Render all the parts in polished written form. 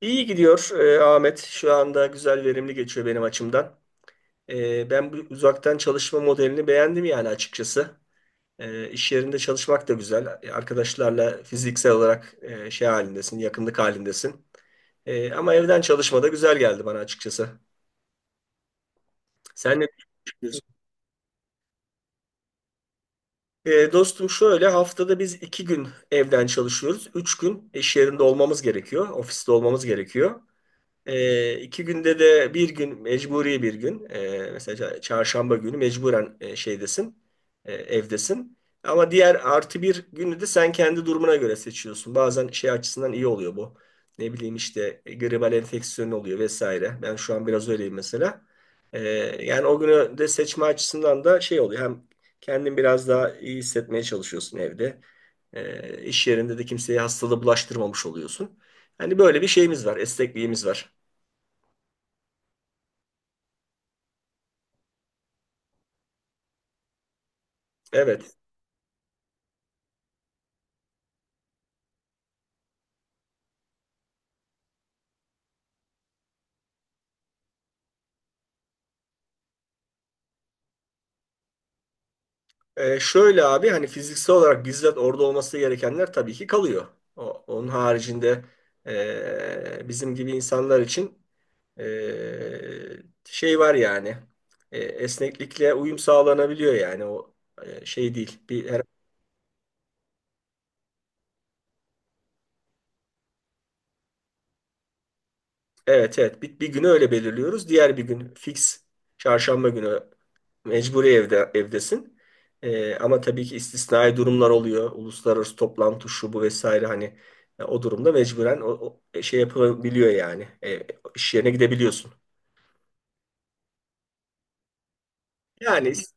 İyi gidiyor Ahmet. Şu anda güzel verimli geçiyor benim açımdan. Ben bu uzaktan çalışma modelini beğendim yani açıkçası. E, iş yerinde çalışmak da güzel. Arkadaşlarla fiziksel olarak şey halindesin, yakınlık halindesin. Ama evden çalışma da güzel geldi bana açıkçası. Sen ne düşünüyorsun? Dostum şöyle haftada biz iki gün evden çalışıyoruz. Üç gün iş yerinde olmamız gerekiyor. Ofiste olmamız gerekiyor. E, iki günde de bir gün mecburi, bir gün mesela çarşamba günü, mecburen şeydesin, evdesin ama diğer artı bir günü de sen kendi durumuna göre seçiyorsun. Bazen şey açısından iyi oluyor bu. Ne bileyim işte gribal enfeksiyon oluyor vesaire. Ben şu an biraz öyleyim mesela. E, yani o günü de seçme açısından da şey oluyor. Hem kendin biraz daha iyi hissetmeye çalışıyorsun evde. E, iş yerinde de kimseye hastalığı bulaştırmamış oluyorsun. Hani böyle bir şeyimiz var, esnekliğimiz var. Evet. Şöyle abi hani fiziksel olarak bizzat orada olması gerekenler tabii ki kalıyor. Onun haricinde bizim gibi insanlar için ee, şey var yani. Esneklikle uyum sağlanabiliyor, yani o şey değil. Evet, evet, bir günü öyle belirliyoruz. Diğer bir gün fix çarşamba günü, mecburi evde, evdesin. Ama tabii ki istisnai durumlar oluyor. Uluslararası toplantı, şu bu vesaire, hani o durumda mecburen o şey yapabiliyor yani. E, iş yerine gidebiliyorsun. Yani is-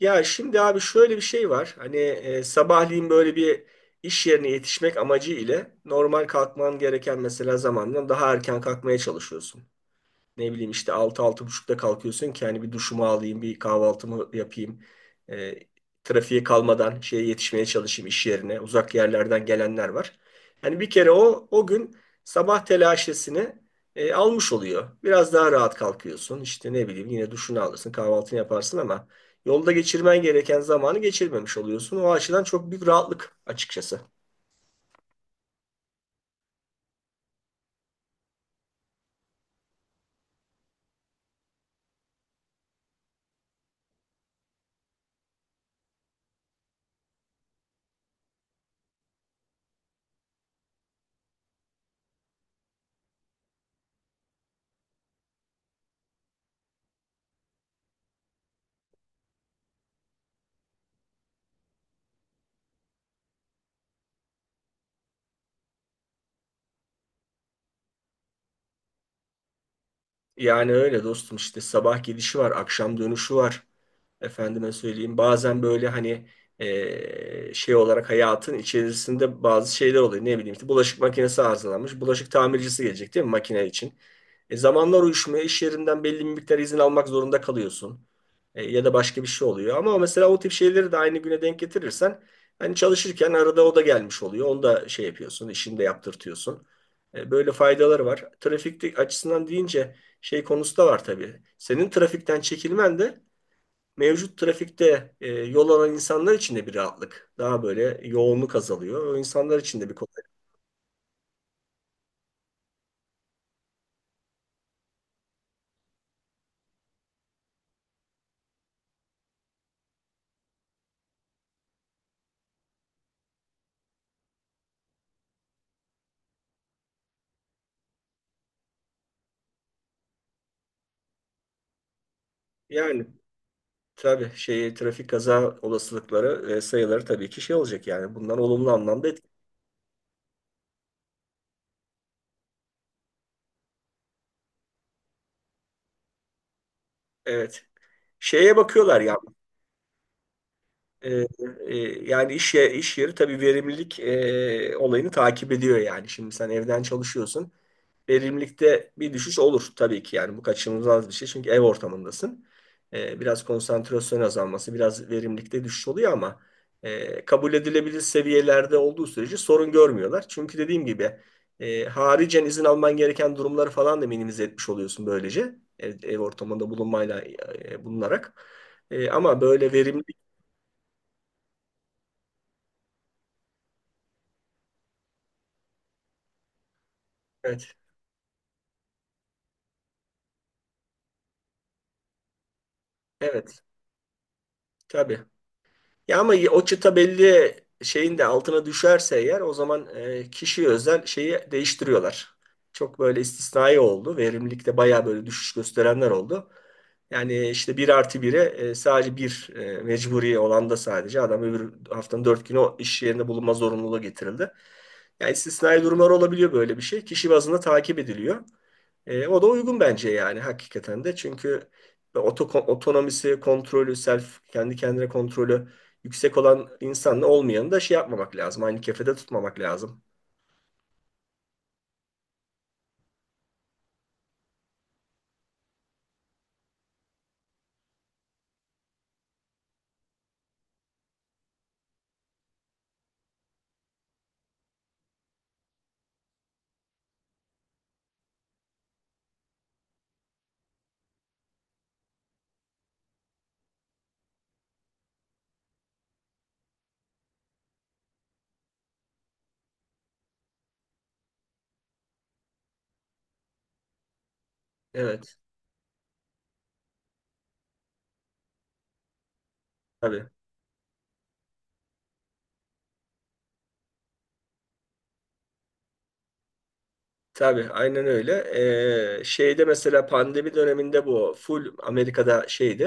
ya şimdi abi şöyle bir şey var. Hani sabahleyin böyle bir iş yerine yetişmek amacı ile normal kalkman gereken mesela zamandan daha erken kalkmaya çalışıyorsun. Ne bileyim işte altı, altı buçukta kalkıyorsun ki hani bir duşumu alayım, bir kahvaltımı yapayım. E, trafiğe kalmadan şeye yetişmeye çalışayım iş yerine. Uzak yerlerden gelenler var. Yani bir kere o gün sabah telaşesini almış oluyor. Biraz daha rahat kalkıyorsun. İşte ne bileyim yine duşunu alırsın, kahvaltını yaparsın ama yolda geçirmen gereken zamanı geçirmemiş oluyorsun. O açıdan çok büyük rahatlık açıkçası. Yani öyle dostum, işte sabah gidişi var, akşam dönüşü var. Efendime söyleyeyim bazen böyle hani şey olarak hayatın içerisinde bazı şeyler oluyor. Ne bileyim işte bulaşık makinesi arızalanmış. Bulaşık tamircisi gelecek değil mi makine için? Zamanlar uyuşmuyor. İş yerinden belli bir miktar izin almak zorunda kalıyorsun. Ya da başka bir şey oluyor. Ama mesela o tip şeyleri de aynı güne denk getirirsen hani çalışırken arada o da gelmiş oluyor. Onu da şey yapıyorsun, işini de yaptırtıyorsun. Böyle faydaları var. Trafik açısından deyince şey konusu da var tabii. Senin trafikten çekilmen de mevcut trafikte yol alan insanlar için de bir rahatlık. Daha böyle yoğunluk azalıyor. O insanlar için de bir kolaylık. Yani tabii şey, trafik kaza olasılıkları sayıları tabii ki şey olacak yani. Bunlar olumlu anlamda etki. Evet. Şeye bakıyorlar ya. E, e, yani iş, ye- iş yeri tabii verimlilik olayını takip ediyor yani. Şimdi sen evden çalışıyorsun. Verimlilikte bir düşüş olur tabii ki yani, bu kaçınılmaz bir şey çünkü ev ortamındasın. Biraz konsantrasyon azalması, biraz verimlilikte düşüş oluyor ama kabul edilebilir seviyelerde olduğu sürece sorun görmüyorlar. Çünkü dediğim gibi haricen izin alman gereken durumları falan da minimize etmiş oluyorsun, böylece ev ortamında bulunmayla bulunarak. Ama böyle verimlilik. Evet, evet, tabii. Ya ama o çıta belli şeyin de altına düşerse eğer o zaman kişiye özel şeyi değiştiriyorlar. Çok böyle istisnai oldu. Verimlilikte bayağı böyle düşüş gösterenler oldu. Yani işte bir artı bire sadece bir mecburi olan da, sadece adam öbür haftanın dört günü o iş yerinde bulunma zorunluluğu getirildi. Yani istisnai durumlar olabiliyor böyle bir şey. Kişi bazında takip ediliyor. O da uygun bence yani hakikaten de. Çünkü otonomisi, kontrolü, self, kendi kendine kontrolü yüksek olan insanla olmayanı da şey yapmamak lazım. Aynı kefede tutmamak lazım. Evet, tabii. Tabii, aynen öyle. Şeyde mesela pandemi döneminde bu full Amerika'da şeyde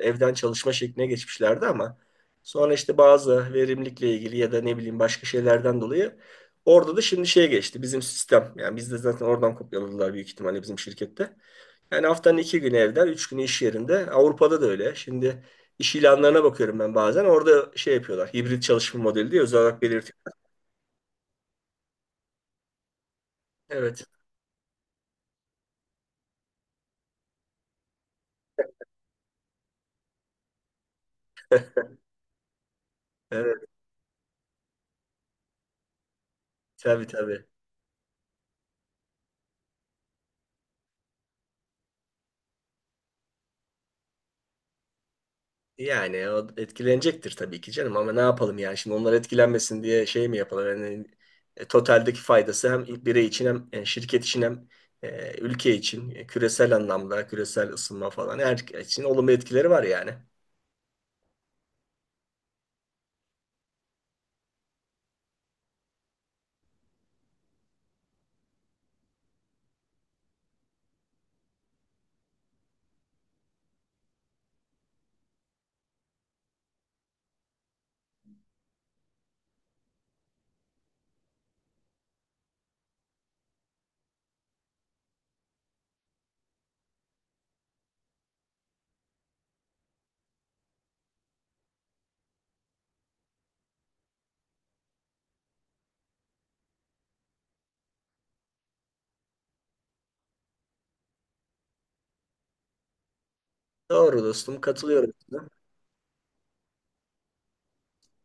evden çalışma şekline geçmişlerdi ama sonra işte bazı verimlilikle ilgili ya da ne bileyim başka şeylerden dolayı orada da şimdi şeye geçti bizim sistem. Yani biz de zaten oradan kopyaladılar büyük ihtimalle bizim şirkette. Yani haftanın iki günü evden, üç günü iş yerinde. Avrupa'da da öyle. Şimdi iş ilanlarına bakıyorum ben bazen. Orada şey yapıyorlar. Hibrit çalışma modeli diye özel olarak belirtiyor. Evet. Evet. Tabii, tabii. Yani o etkilenecektir tabii ki canım ama ne yapalım yani, şimdi onlar etkilenmesin diye şey mi yapalım? Yani, totaldeki faydası hem birey için, hem şirket için, hem ülke için, küresel anlamda küresel ısınma falan her için olumlu etkileri var yani. Doğru dostum, katılıyorum.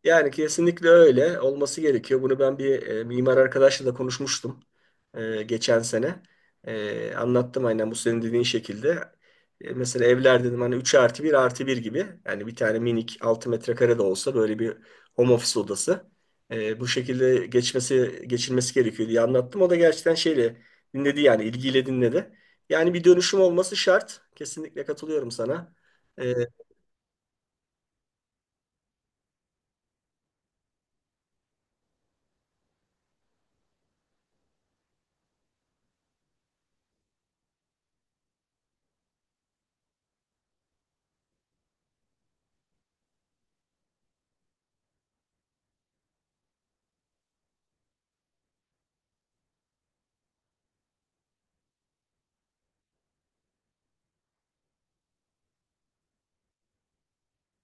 Yani kesinlikle öyle olması gerekiyor. Bunu ben bir mimar arkadaşla da konuşmuştum geçen sene. Anlattım aynen bu senin dediğin şekilde. Mesela evler dedim hani 3 artı 1 artı 1 gibi. Yani bir tane minik 6 metrekare de olsa böyle bir home office odası. Bu şekilde geçmesi geçilmesi gerekiyor diye anlattım. O da gerçekten şeyle dinledi, yani ilgiyle dinledi. Yani bir dönüşüm olması şart. Kesinlikle katılıyorum sana. E,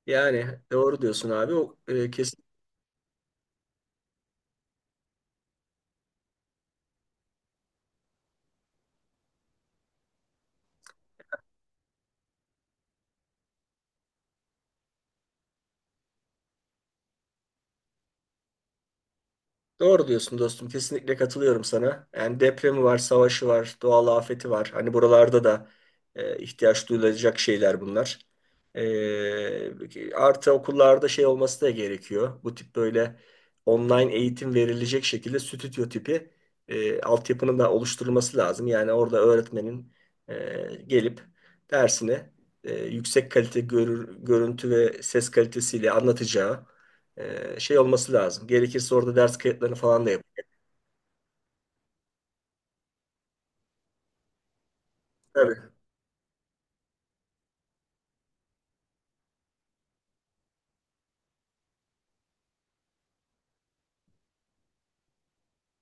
yani doğru diyorsun abi. O, kesin. Doğru diyorsun dostum. Kesinlikle katılıyorum sana. Yani depremi var, savaşı var, doğal afeti var. Hani buralarda da ihtiyaç duyulacak şeyler bunlar. Artı okullarda şey olması da gerekiyor. Bu tip böyle online eğitim verilecek şekilde stüdyo tipi altyapının da oluşturulması lazım. Yani orada öğretmenin e, gelip dersini yüksek kalite görüntü ve ses kalitesiyle anlatacağı şey olması lazım. Gerekirse orada ders kayıtlarını falan da yap. Tabii.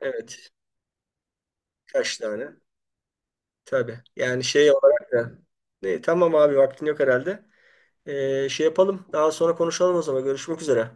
Evet. Kaç tane? Tabii. Yani şey olarak da. Ne, tamam abi, vaktin yok herhalde. Şey yapalım. Daha sonra konuşalım o zaman. Görüşmek üzere.